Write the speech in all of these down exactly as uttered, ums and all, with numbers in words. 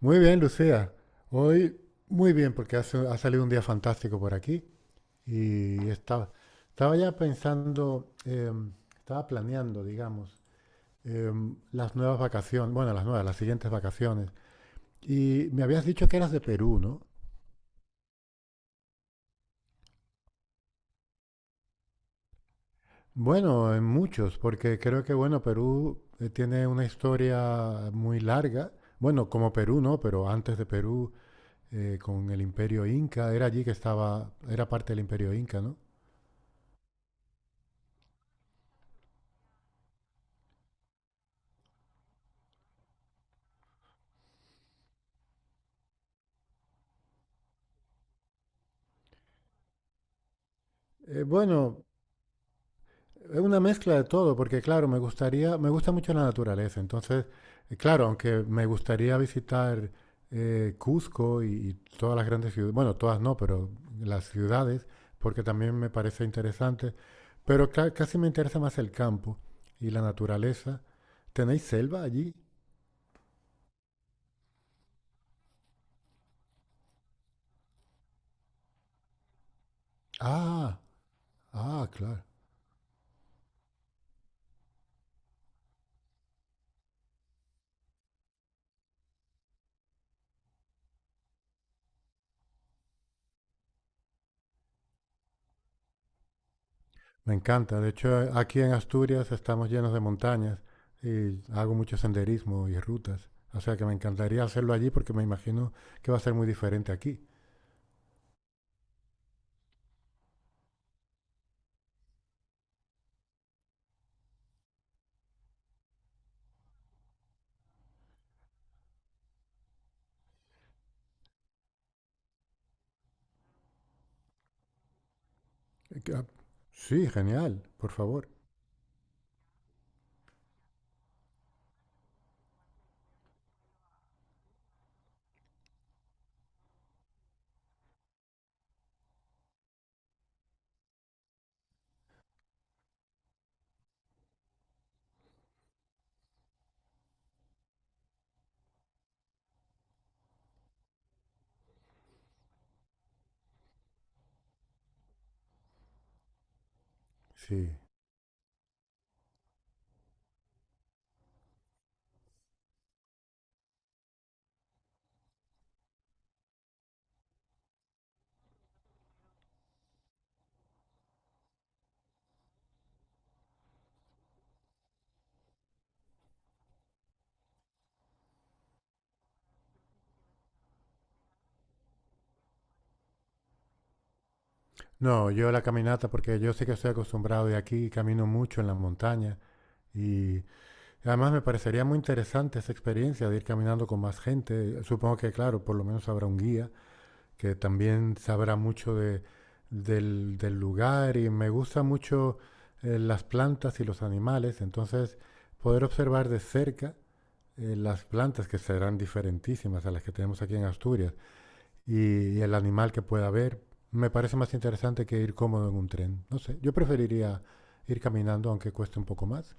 Muy bien, Lucía. Hoy muy bien porque hace- ha salido un día fantástico por aquí y estaba, estaba ya pensando, em, estaba planeando, digamos, em, las nuevas vacaciones, bueno, las nuevas, las siguientes vacaciones. Y me habías dicho que eras de Perú, ¿no? Bueno, en muchos, porque creo que, bueno, Perú eh, tiene una historia muy larga. Bueno, como Perú, ¿no? Pero antes de Perú, eh, con el Imperio Inca, era allí que estaba, era parte del Imperio Inca, ¿no? Eh, bueno, Es una mezcla de todo, porque claro, me gustaría, me gusta mucho la naturaleza. Entonces, eh, claro, aunque me gustaría visitar eh, Cusco y, y todas las grandes ciudades, bueno, todas no, pero las ciudades, porque también me parece interesante. Pero ca- casi me interesa más el campo y la naturaleza. ¿Tenéis selva allí? Ah, ah, claro. Me encanta. De hecho, a- aquí en Asturias estamos llenos de montañas y hago mucho senderismo y rutas. O sea que me encantaría hacerlo allí porque me imagino que va a ser muy diferente aquí. Eh, que- ah, Sí, genial, por favor. Sí. No, yo la caminata porque yo sí que estoy acostumbrado y aquí camino mucho en la montaña y además me parecería muy interesante esa experiencia de ir caminando con más gente. Supongo que, claro, por lo menos habrá un guía que también sabrá mucho de, del, del lugar y me gusta mucho eh, las plantas y los animales, entonces poder observar de cerca eh, las plantas que serán diferentísimas a las que tenemos aquí en Asturias y, y el animal que pueda haber, me parece más interesante que ir cómodo en un tren. No sé, yo preferiría ir caminando aunque cueste un poco más.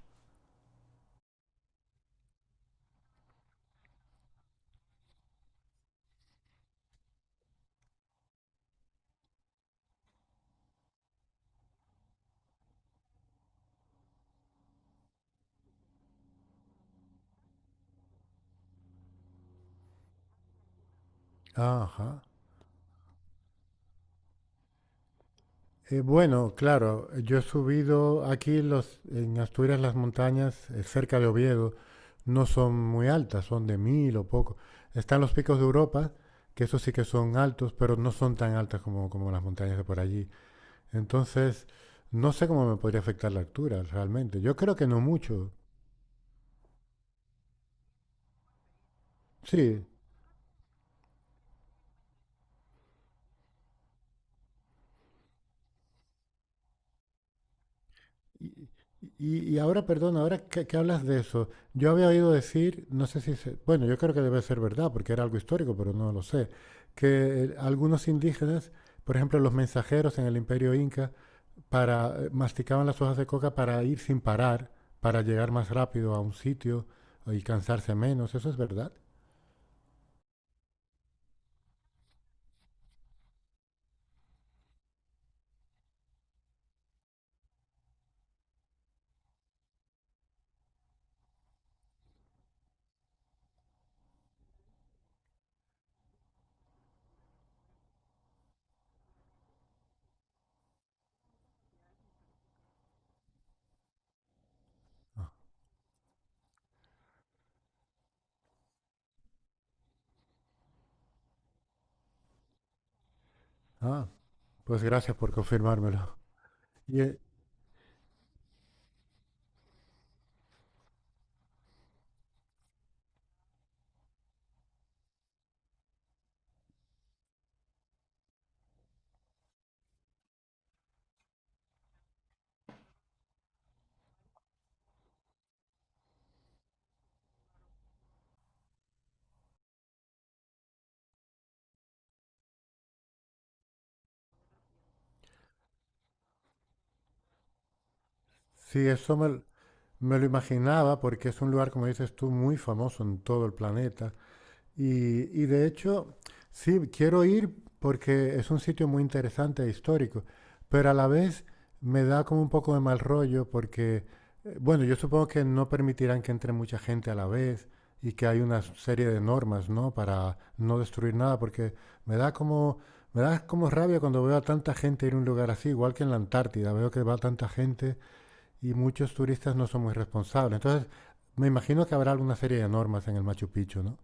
Ajá. Eh, bueno, claro, yo he subido aquí los, en Asturias las montañas eh, cerca de Oviedo no son muy altas, son de mil o poco. Están los picos de Europa, que esos sí que son altos, pero no son tan altas como, como las montañas de por allí. Entonces, no sé cómo me podría afectar la altura realmente. Yo creo que no mucho. Sí, Y, y- y ahora, perdón, ahora que, que hablas de eso, yo había oído decir, no sé si se- bueno, yo creo que debe ser verdad, porque era algo histórico, pero no lo sé, que eh, algunos indígenas, por ejemplo, los mensajeros en el Imperio Inca, para, eh, masticaban las hojas de coca para ir sin parar, para llegar más rápido a un sitio y cansarse menos. ¿Eso es verdad? Ah, pues gracias por confirmármelo. Y eh, sí, eso me, l- me lo imaginaba porque es un lugar, como dices tú, muy famoso en todo el planeta. Y, y de hecho, sí, quiero ir porque es un sitio muy interesante e histórico, pero a la vez me da como un poco de mal rollo porque, eh, bueno, yo supongo que no permitirán que entre mucha gente a la vez y que hay una serie de normas, ¿no? Para no destruir nada, porque me da como, me da como rabia cuando veo a tanta gente ir a un lugar así, igual que en la Antártida, veo que va tanta gente y muchos turistas no son muy responsables. Entonces, me imagino que habrá alguna serie de normas en el Machu Picchu, ¿no?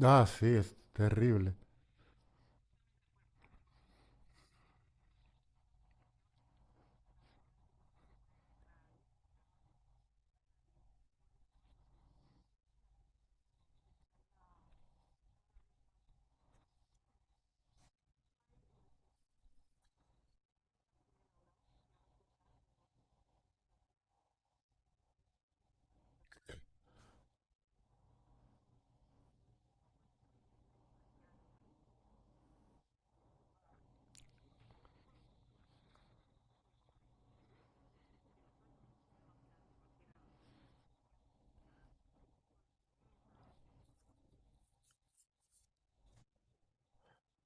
Ah, sí, es terrible.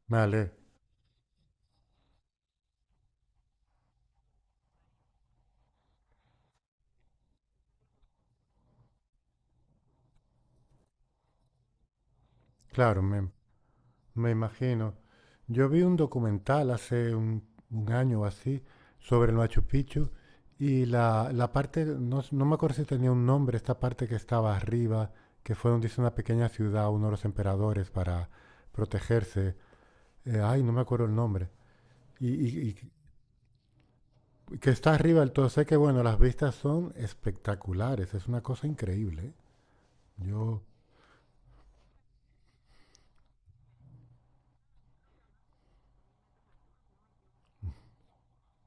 Vale, claro, me, me imagino. Yo vi un documental hace un, un año o así sobre el Machu Picchu y la, la parte, no, s- no me acuerdo si tenía un nombre, esta parte que estaba arriba, que fue donde hizo una pequeña ciudad uno de los emperadores para protegerse. Eh, ay, no me acuerdo el nombre. Y, y- y que está arriba del todo. Sé que, bueno, las vistas son espectaculares, es una cosa increíble. ¿Eh? Yo,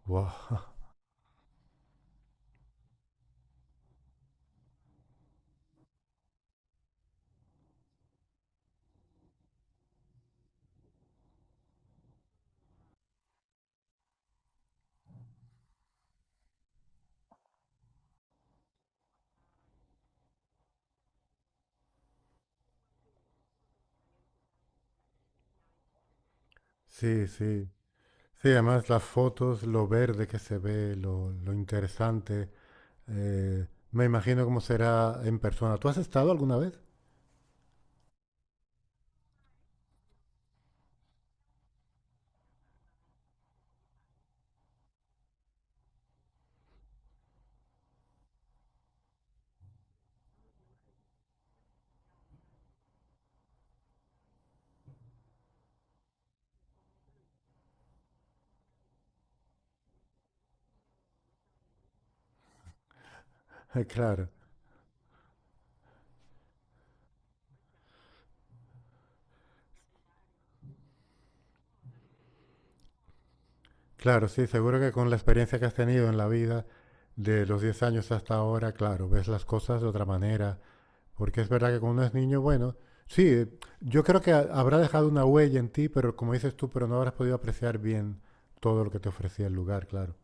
wow. Sí, sí. Sí, además las fotos, lo verde que se ve, lo, lo interesante. eh, me imagino cómo será en persona. ¿Tú has estado alguna vez? Eh, Claro, claro, sí, seguro que con la experiencia que has tenido en la vida de los diez años hasta ahora, claro, ves las cosas de otra manera. Porque es verdad que cuando uno es niño, bueno, sí, eh, yo creo que ha- habrá dejado una huella en ti, pero como dices tú, pero no habrás podido apreciar bien todo lo que te ofrecía el lugar, claro.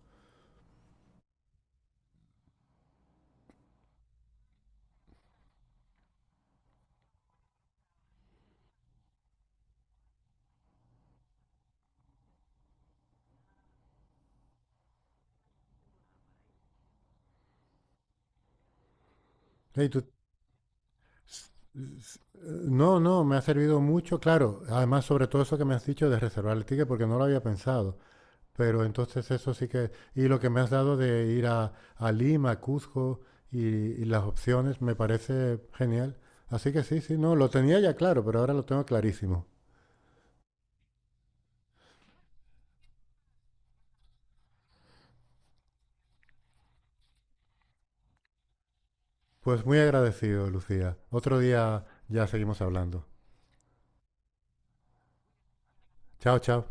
Ey, tú- No, no, me ha servido mucho, claro. Además, sobre todo eso que me has dicho de reservar el ticket, porque no lo había pensado. Pero entonces eso sí que... Y lo que me has dado de ir a, a Lima, a Cuzco y, y las opciones, me parece genial. Así que sí, sí, no, lo tenía ya claro, pero ahora lo tengo clarísimo. Pues muy agradecido, Lucía. Otro día ya seguimos hablando. Chao, chao.